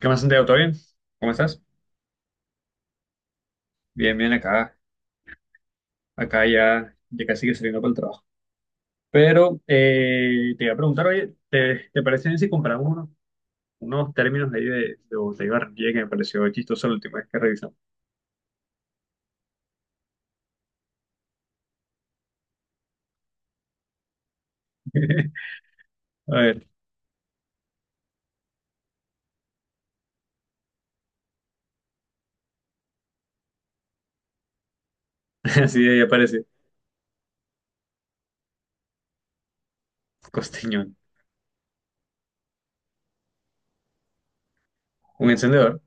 ¿Qué más, Santiago? ¿Todo bien? ¿Cómo estás? Bien, bien, acá, ya casi que saliendo para el trabajo. Pero te iba a preguntar, oye, ¿te parece bien si compramos unos, unos términos ahí de botella de Barranquilla que me pareció chistoso la última vez que revisamos? A ver, así ahí aparece. Costeñón. Un encendedor.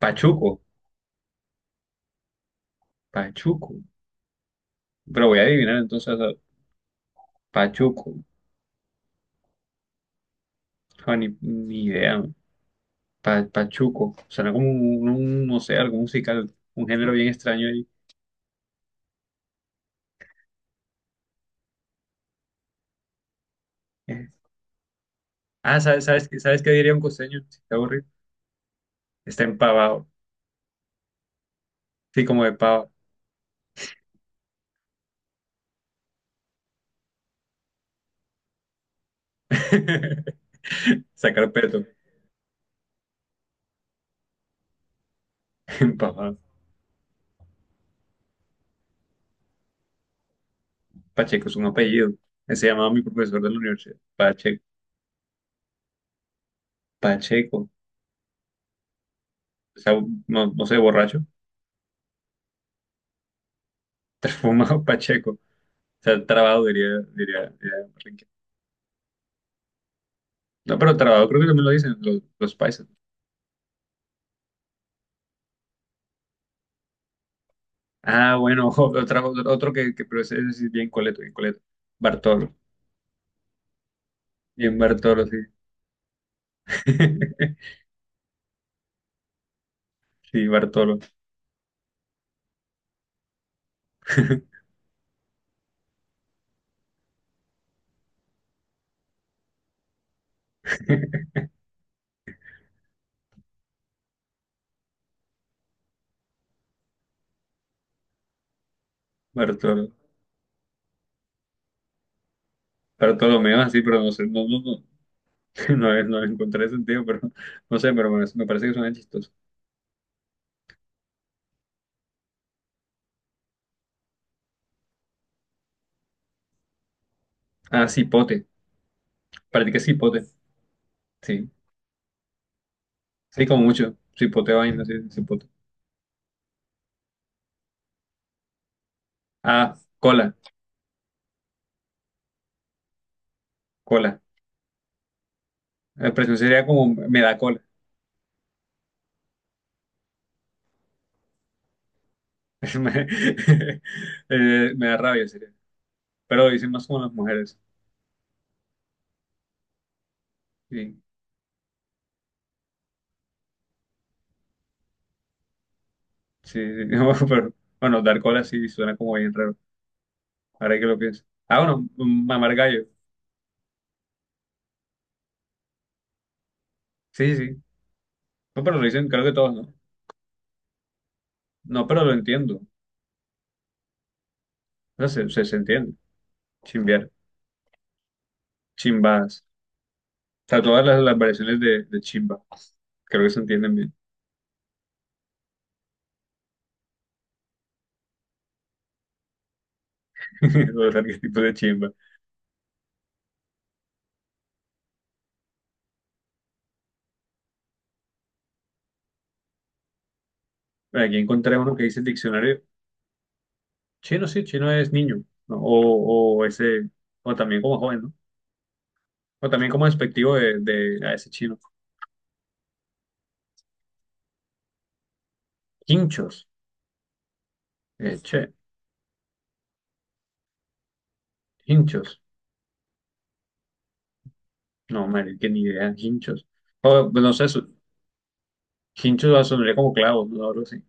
Pachuco. Pachuco. Pero voy a adivinar entonces. Pachuco. Ah, ni idea, man. Pachuco. Suena como un, no sé, algo musical. Un género bien extraño ahí. Ah, ¿sabes qué diría un costeño si está aburrido? Está empavado. Sí, como de pavo. Sacar peto. Empavado. Pacheco es un apellido. Se llamaba mi profesor de la universidad. Pacheco. Pacheco. O sea, no, no sé, borracho. Fumado Pacheco. O sea, trabado, diría Enrique. No, pero trabado creo que también lo dicen los paisas. Ah, bueno, otro, otro que pero ese es bien coleto, bien coleto. Bartolo. Bien Bartolo, sí. Sí, Bartolo. Bartol- Bartolomeo así, pero no sé, no, no le encontré sentido, pero no sé, pero me parece que suena chistoso. Ah, cipote, practica cipote, sí, sí, como mucho, cipote vaina, sí, cipote. Ah, cola, cola. La expresión sería como me da cola, me, me da rabia, sería. Pero lo dicen más como las mujeres, sí, sí, sí. No, pero bueno, dar cola sí suena como bien raro, ahora que lo pienso. Ah, bueno, mamar gallo, sí, sí, no, pero lo dicen creo que todos, ¿no? No, pero lo entiendo. O sea, se entiende. Chimbear, chimbas. O sea, todas las variaciones de chimba. Creo que se entienden bien. Los arquetipos de chimba. Bueno, aquí encontré uno que dice el diccionario. Chino, sí, chino es niño, ¿no? O ese, o también como joven, ¿no? O también como despectivo a ese chino. Hinchos. Che, hinchos. No, madre, que ni idea, hinchos. O, pues, no sé, hinchos sonaría como clavos, ¿no? Algo así.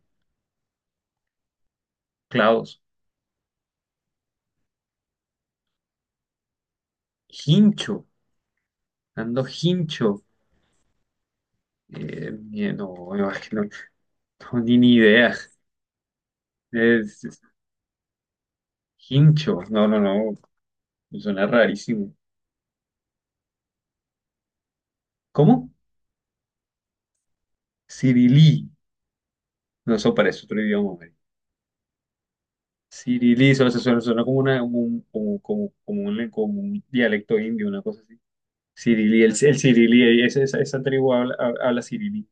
Clavos. Hincho. Ando hincho. No, no, es que no, no, ni idea. Es, es- hincho. No, no, no. Suena rarísimo. ¿Cómo? Cirilí. No, eso parece otro idioma, hombre. Cirilí, eso suena, suena como una, como un, como, como un dialecto indio, una cosa así. Cirilí, el cirilí, esa tribu habla, habla cirilí.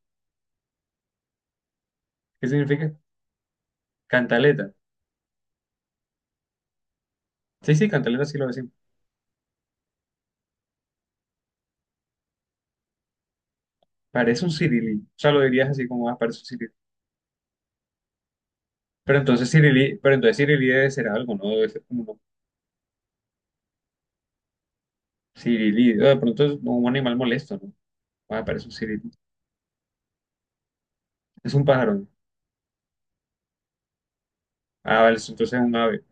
¿Qué significa? Cantaleta. Sí, sí, cantaleta sí lo decimos. Parece un cirilí. O sea, lo dirías así como, ah, parece un cirilí. Pero entonces Cirilí, pero entonces Cirilí debe ser algo, ¿no? Debe ser como, ¿no? Cirilí. Ah, de pronto es un animal molesto, ¿no? Ah, parece un cirilí. Es un pájaro, ¿no? Ah, vale, entonces es un ave.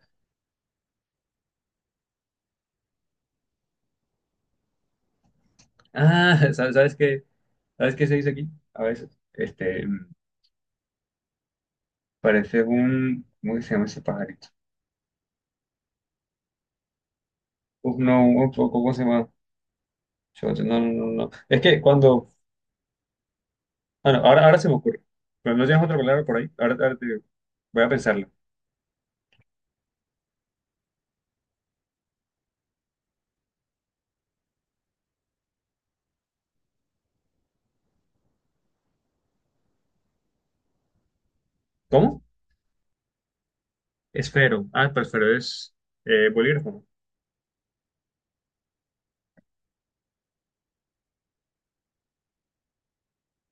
Ah, ¿sabes qué? ¿Sabes qué se dice aquí? A veces, este, parece un, ¿cómo que se llama ese pajarito? Uf, no, un, ¿cómo se llama? Chote. No, no, no, no. Es que cuando, ah, no, ahora se me ocurre. Pero no tienes otra palabra por ahí. Ahora te digo. Voy a pensarlo. ¿Cómo? Esfero. Ah, pero esfero es bolígrafo, ¿no?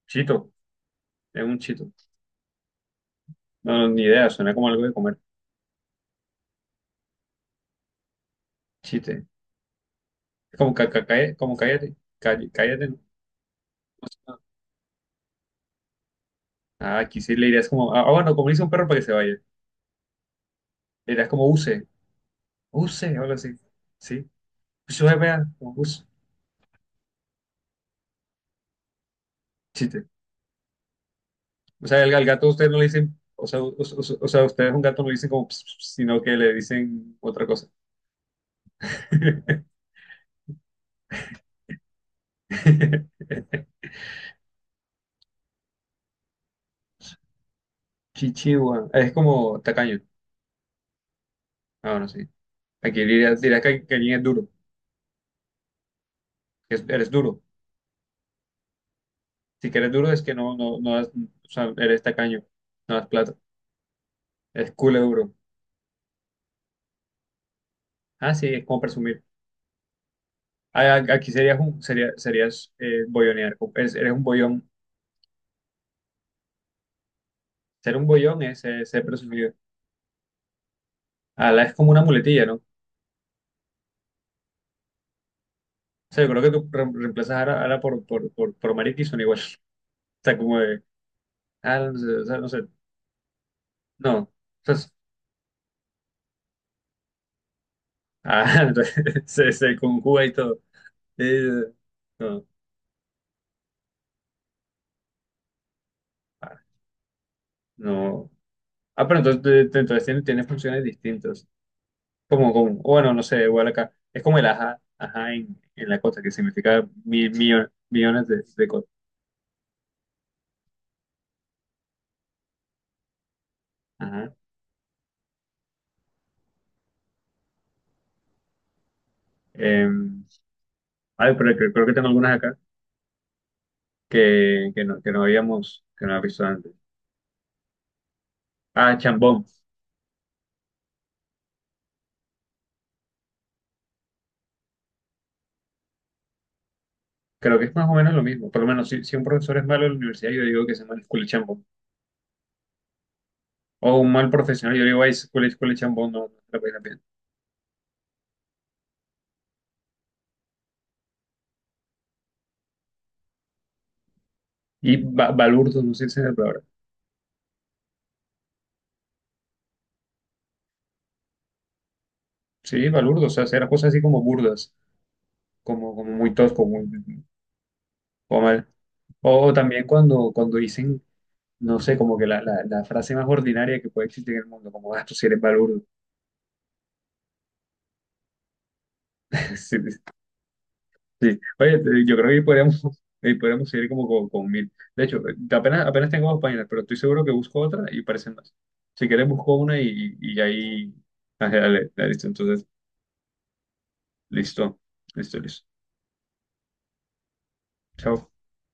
Chito. Es un chito. No, no, ni idea. Suena como algo de comer. Chite. Como, como cállate, cállate, ¿no? Ah, ah, aquí sí le dirías como, ah, ah, bueno, como le dice un perro para que se vaya. Le dirías como use, use, o algo así. Sí. Use, vea, como use. Chiste. O sea, al gato ustedes no le dicen, o sea, o sea, ustedes a un gato no le dicen como, "Ps, ps", sino que le dicen otra cosa. Chichihua. Es como tacaño. Ah, bueno, sí. Aquí dirías, dirías que alguien es duro, que eres duro. Si que eres duro es que no, no, no das, o sea, eres tacaño, no das plata. Es culo duro. Ah, sí, es como presumir. Ah, aquí serías un, sería, serías boyonear. Eres un boyón. Ser un boyón es ser presumido. Ala es como una muletilla, ¿no? O sea, yo creo que tú reemplazas a la, por marica y son igual. O sea, como de, ala, no sé, o sea, no sé. No. Entonces, ah, entonces, se conjuga y todo. Eh, no. Ah, no. Ah, pero entonces, entonces tienes, tienes funciones distintas. Como, como, bueno, no sé, igual acá. Es como el ajá, ajá en la costa, que significa mil, millones de cosas. Ajá. Eh, ay, pero creo, creo que tengo algunas acá que no habíamos, que no había visto antes. Ah, chambón. Creo que es más o menos lo mismo. Por lo menos, si, si un profesor es malo en la universidad, yo digo que se llama escuela chambón. O un mal profesional, yo digo, ay, escuela chambón, no, no la pena bien. Y balurdo, no sé si es la palabra. Sí, balurdo, o sea, hacer cosas así como burdas, como, como muy tosco, muy, como mal. O también cuando, cuando dicen, no sé, como que la frase más ordinaria que puede existir en el mundo, como, ah, tú sí eres balurdo. Sí, sí. Oye, te- yo creo que podríamos, ahí podríamos seguir como con mil. De hecho, apenas, apenas tengo dos páginas, pero estoy seguro que busco otra y parecen más. Si quieres, busco una y ahí... Ah, dale, dale, listo, entonces, listo, listo, listo. Chao.